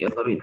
يلا بينا.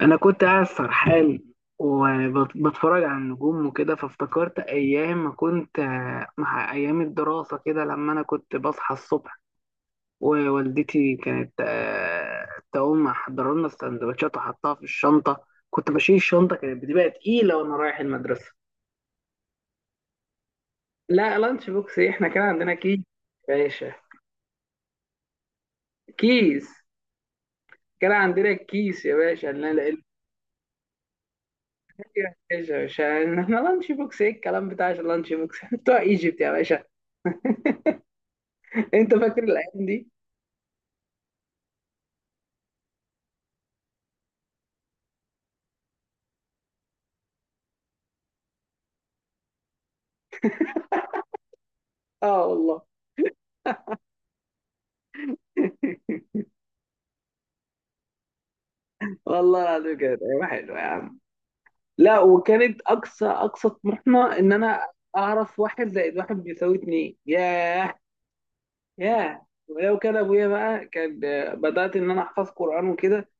انا كنت قاعد سرحان وبتفرج على النجوم وكده، فافتكرت ايام ما كنت مع ايام الدراسه كده، لما انا كنت بصحى الصبح ووالدتي كانت تقوم محضره لنا السندوتشات وحطها في الشنطه، كنت بشيل الشنطه كانت بتبقى تقيله وانا رايح المدرسه. لا، لانش بوكس إيه؟ احنا كان عندنا كيس يا باشا. كيس. كان عندنا الكيس يا باشا يا باشا يا باشا، احنا لانش بوكس، ايه الكلام بتاع اللانش بوكس؟ إحنا بتوع ايجيبت يا باشا. انت فاكر الايام دي؟ اه والله. والله العظيم كانت ايام حلوه يا عم. لا، وكانت اقصى اقصى طموحنا ان انا اعرف واحد زائد واحد بيساوي اتنين. ياه، ياه، ولو كان ابويا بقى، كان بدات ان انا احفظ قران وكده،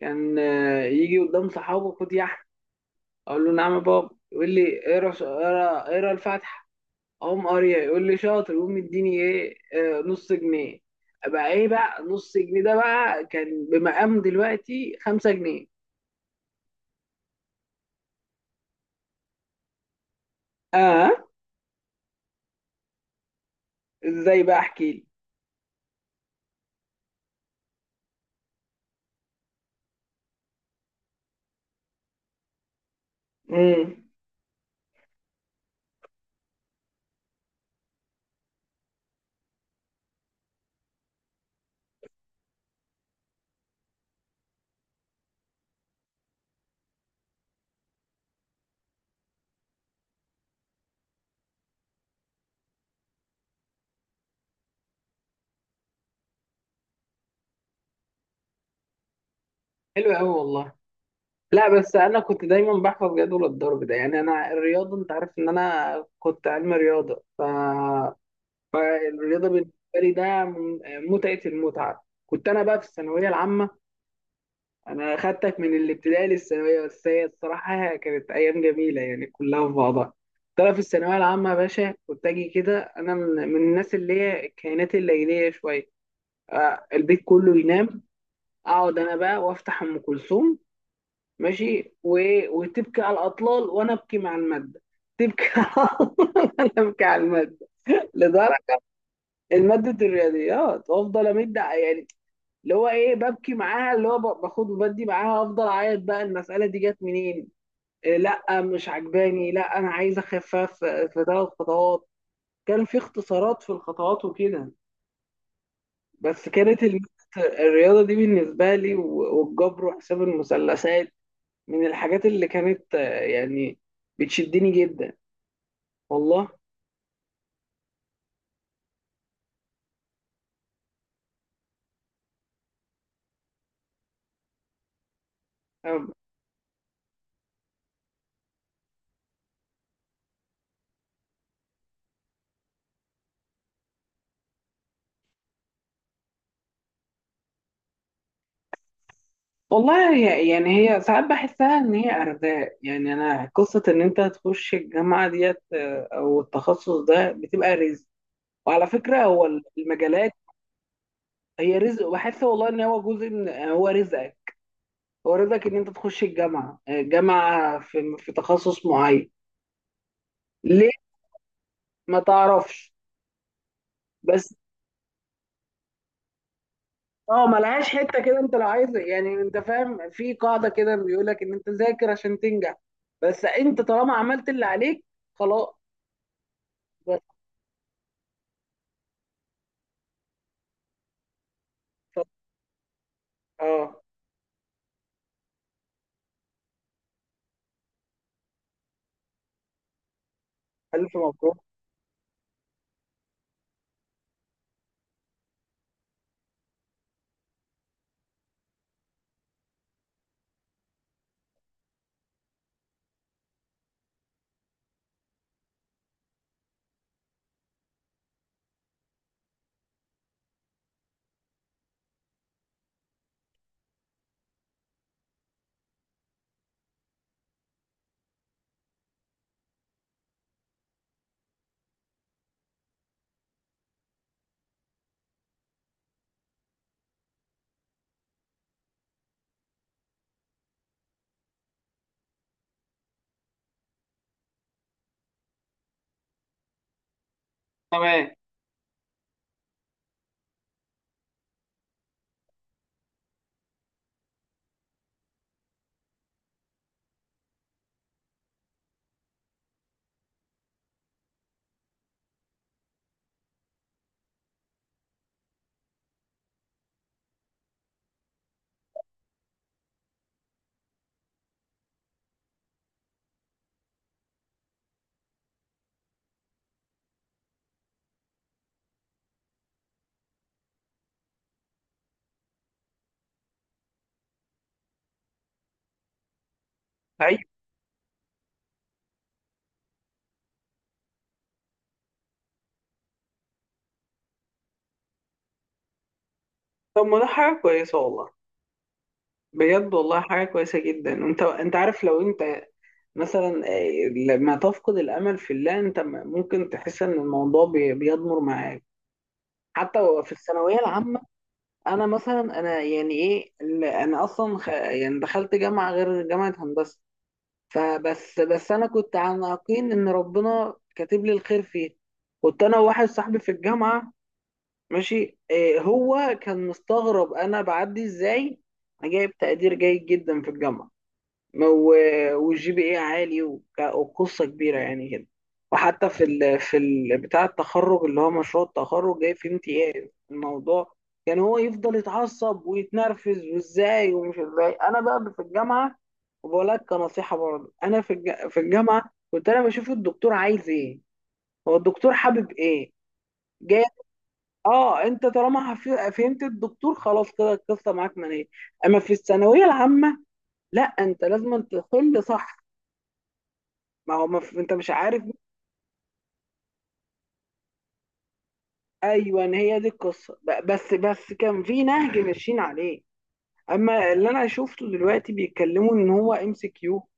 كان يجي قدام صحابه، خد يا احمد. اقول له نعم يا بابا. يقول لي اقرا ش- اقرا اقرا الفاتحه. اقوم قاريها يقول لي شاطر، يقوم مديني ايه، نص جنيه. بقى ايه بقى نص جنيه ده؟ بقى كان بمقام دلوقتي خمسة جنيه. اه. ازاي بقى، احكي لي. امم. حلو قوي والله. لا بس انا كنت دايما بحفظ جدول الضرب ده، يعني انا الرياضه، انت عارف ان انا كنت علم رياضه، فالرياضه بالنسبه لي ده متعه. المتعه كنت انا بقى في الثانويه العامه. انا خدتك من الابتدائي للثانويه، بس هي الصراحه كانت ايام جميله يعني كلها في بعضها. ترى في الثانويه العامه يا باشا كنت اجي كده انا من الناس اللي هي الكائنات الليليه شويه، البيت كله ينام، اقعد انا بقى وافتح ام كلثوم ماشي، وتبكي على الاطلال وانا ابكي مع الماده. تبكي على الاطلال وانا ابكي على الماده لدرجه. الماده الرياضيات، وافضل امد يعني، اللي هو ايه، ببكي معاها، اللي هو باخد وبدي معاها، افضل اعيط بقى المساله دي جت منين، إيه؟ لا مش عجباني، لا انا عايز اخفف في ثلاث خطوات. كان في اختصارات في الخطوات وكده. بس كانت المادة الرياضه دي بالنسبه لي والجبر وحساب المثلثات، من الحاجات اللي كانت يعني بتشدني جدا والله. أم- والله هي يعني هي ساعات بحسها ان هي ارزاق، يعني انا قصة ان انت تخش الجامعة ديت او التخصص ده، بتبقى رزق. وعلى فكرة هو المجالات هي رزق. وبحس والله ان هو جزء من، هو رزقك. هو رزقك ان انت تخش الجامعة، جامعة في تخصص معين. ليه، ما تعرفش. بس اه، ملهاش حته كده. انت لو عايز، يعني انت فاهم، في قاعده كده بيقول لك ان انت ذاكر عشان تنجح، بس انت طالما عملت اللي عليك خلاص. بس اه. الف مبروك. تمام. ايوه. طب ما ده حاجه كويسه والله. بجد والله حاجه كويسه جدا. انت عارف، لو انت مثلا لما تفقد الامل في الله، انت ممكن تحس ان الموضوع بيضمر معاك حتى. في الثانويه العامه انا مثلا، انا يعني ايه انا اصلا يعني دخلت جامعه غير جامعه هندسه، فبس انا كنت على يقين ان ربنا كاتب لي الخير فيه. كنت انا وواحد صاحبي في الجامعه ماشي، إيه، هو كان مستغرب انا بعدي ازاي. انا جايب تقدير جيد جدا في الجامعه والجي بي اي عالي وقصة كبيرة يعني كده. وحتى في ال بتاع التخرج، اللي هو مشروع التخرج جاي فيه امتياز الموضوع. كان هو يفضل يتعصب ويتنرفز، وازاي ومش ازاي انا بقى في الجامعة. وبقول لك كنصيحة برضه، انا في الجامعة كنت انا بشوف الدكتور عايز ايه، هو الدكتور حابب ايه جاي. اه انت طالما فهمت الدكتور، خلاص كده القصة معاك منية. اما في الثانوية العامة، لا، انت لازم تحل صح. ما هو انت مش عارف. ايوه، ان هي دي القصه، بس كان في نهج ماشيين عليه. اما اللي انا شفته دلوقتي بيتكلموا، ان هو ام سي كيو.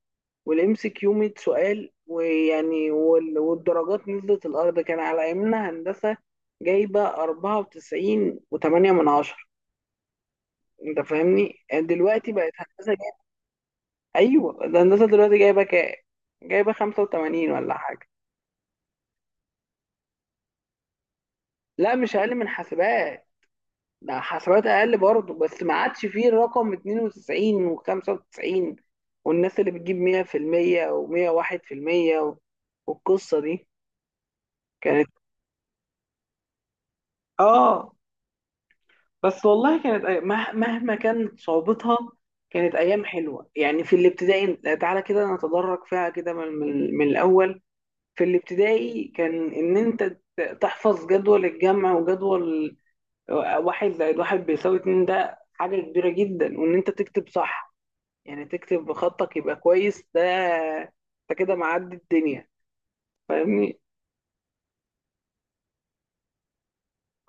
والام سي كيو 100 سؤال، ويعني والدرجات نزلت الارض. كان على ايامنا هندسه جايبه 94 و8 من 10. انت فاهمني؟ دلوقتي بقت هندسه جايبة... ايوه، ده هندسه دلوقتي جايبه كام؟ جايبه 85 ولا حاجه. لا مش اقل من حاسبات، ده حسابات اقل برضه، بس ما عادش فيه الرقم 92 و95، والناس اللي بتجيب 100% و101% والقصه دي كانت. اه. بس والله كانت مهما كانت صعوبتها، كانت ايام حلوه. يعني في الابتدائي، تعالى كده نتدرج فيها كده من الاول. في الابتدائي كان ان انت تحفظ جدول الجمع وجدول، واحد زائد واحد بيساوي اتنين، ده حاجه كبيره جدا. وان انت تكتب صح، يعني تكتب بخطك يبقى كويس، ده انت كده معدي الدنيا، فاهمني.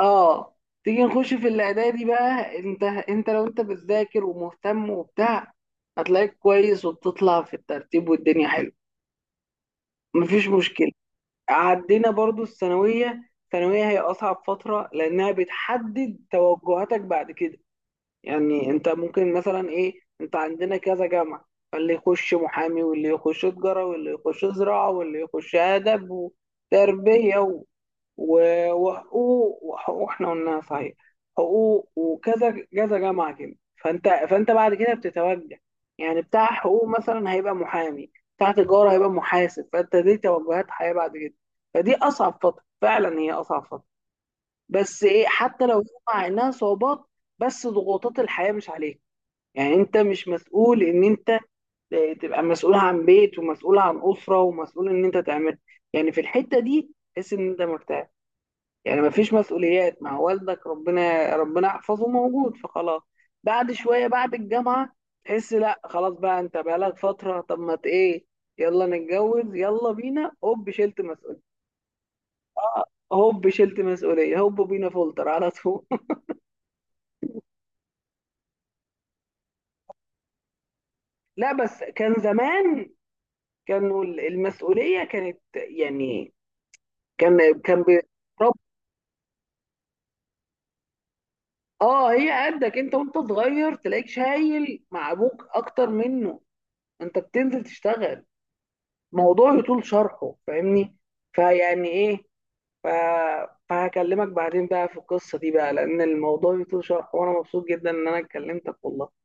اه. تيجي نخش في الاعدادي بقى، انت لو انت بتذاكر ومهتم وبتاع، هتلاقيك كويس وبتطلع في الترتيب والدنيا حلوه. مفيش مشكله. عدينا برضو الثانويه. الثانويه هي اصعب فتره، لانها بتحدد توجهاتك بعد كده. يعني انت ممكن مثلا ايه، انت عندنا كذا جامعة. فاللي يخش محامي واللي يخش تجارة واللي يخش زراعة واللي يخش أدب وتربية، وحقوق احنا قلناها صحيح. حقوق، وكذا كذا جامعة كده. فانت بعد كده بتتوجه، يعني بتاع حقوق مثلا هيبقى محامي، بتاع تجارة هيبقى محاسب، فانت دي توجهات حياة بعد كده. فدي أصعب فترة فعلا، هي أصعب فترة. بس ايه، حتى لو مع انها صعوبات، بس ضغوطات الحياة مش عليك. يعني انت مش مسؤول ان انت تبقى مسؤول عن بيت ومسؤول عن اسره ومسؤول ان انت تعمل. يعني في الحته دي تحس ان انت مرتاح، يعني ما فيش مسؤوليات، مع والدك، ربنا يحفظه، موجود، فخلاص. بعد شويه، بعد الجامعه، تحس لا خلاص بقى، انت بقالك فتره، طب ما ايه، يلا نتجوز، يلا بينا، هوب شلت مسؤوليه. اه، هوب شلت مسؤوليه، هوب بينا فولتر على طول لا بس كان زمان، كانوا المسؤوليه كانت يعني، كان بيربي. اه، هي قدك انت وانت صغير، تلاقيك شايل مع ابوك اكتر منه، انت بتنزل تشتغل. موضوع يطول شرحه فاهمني. فيعني ايه، ف... فهكلمك بعدين بقى في القصة دي بقى، لان الموضوع يطول شرحه، وانا مبسوط جدا ان انا اتكلمتك والله.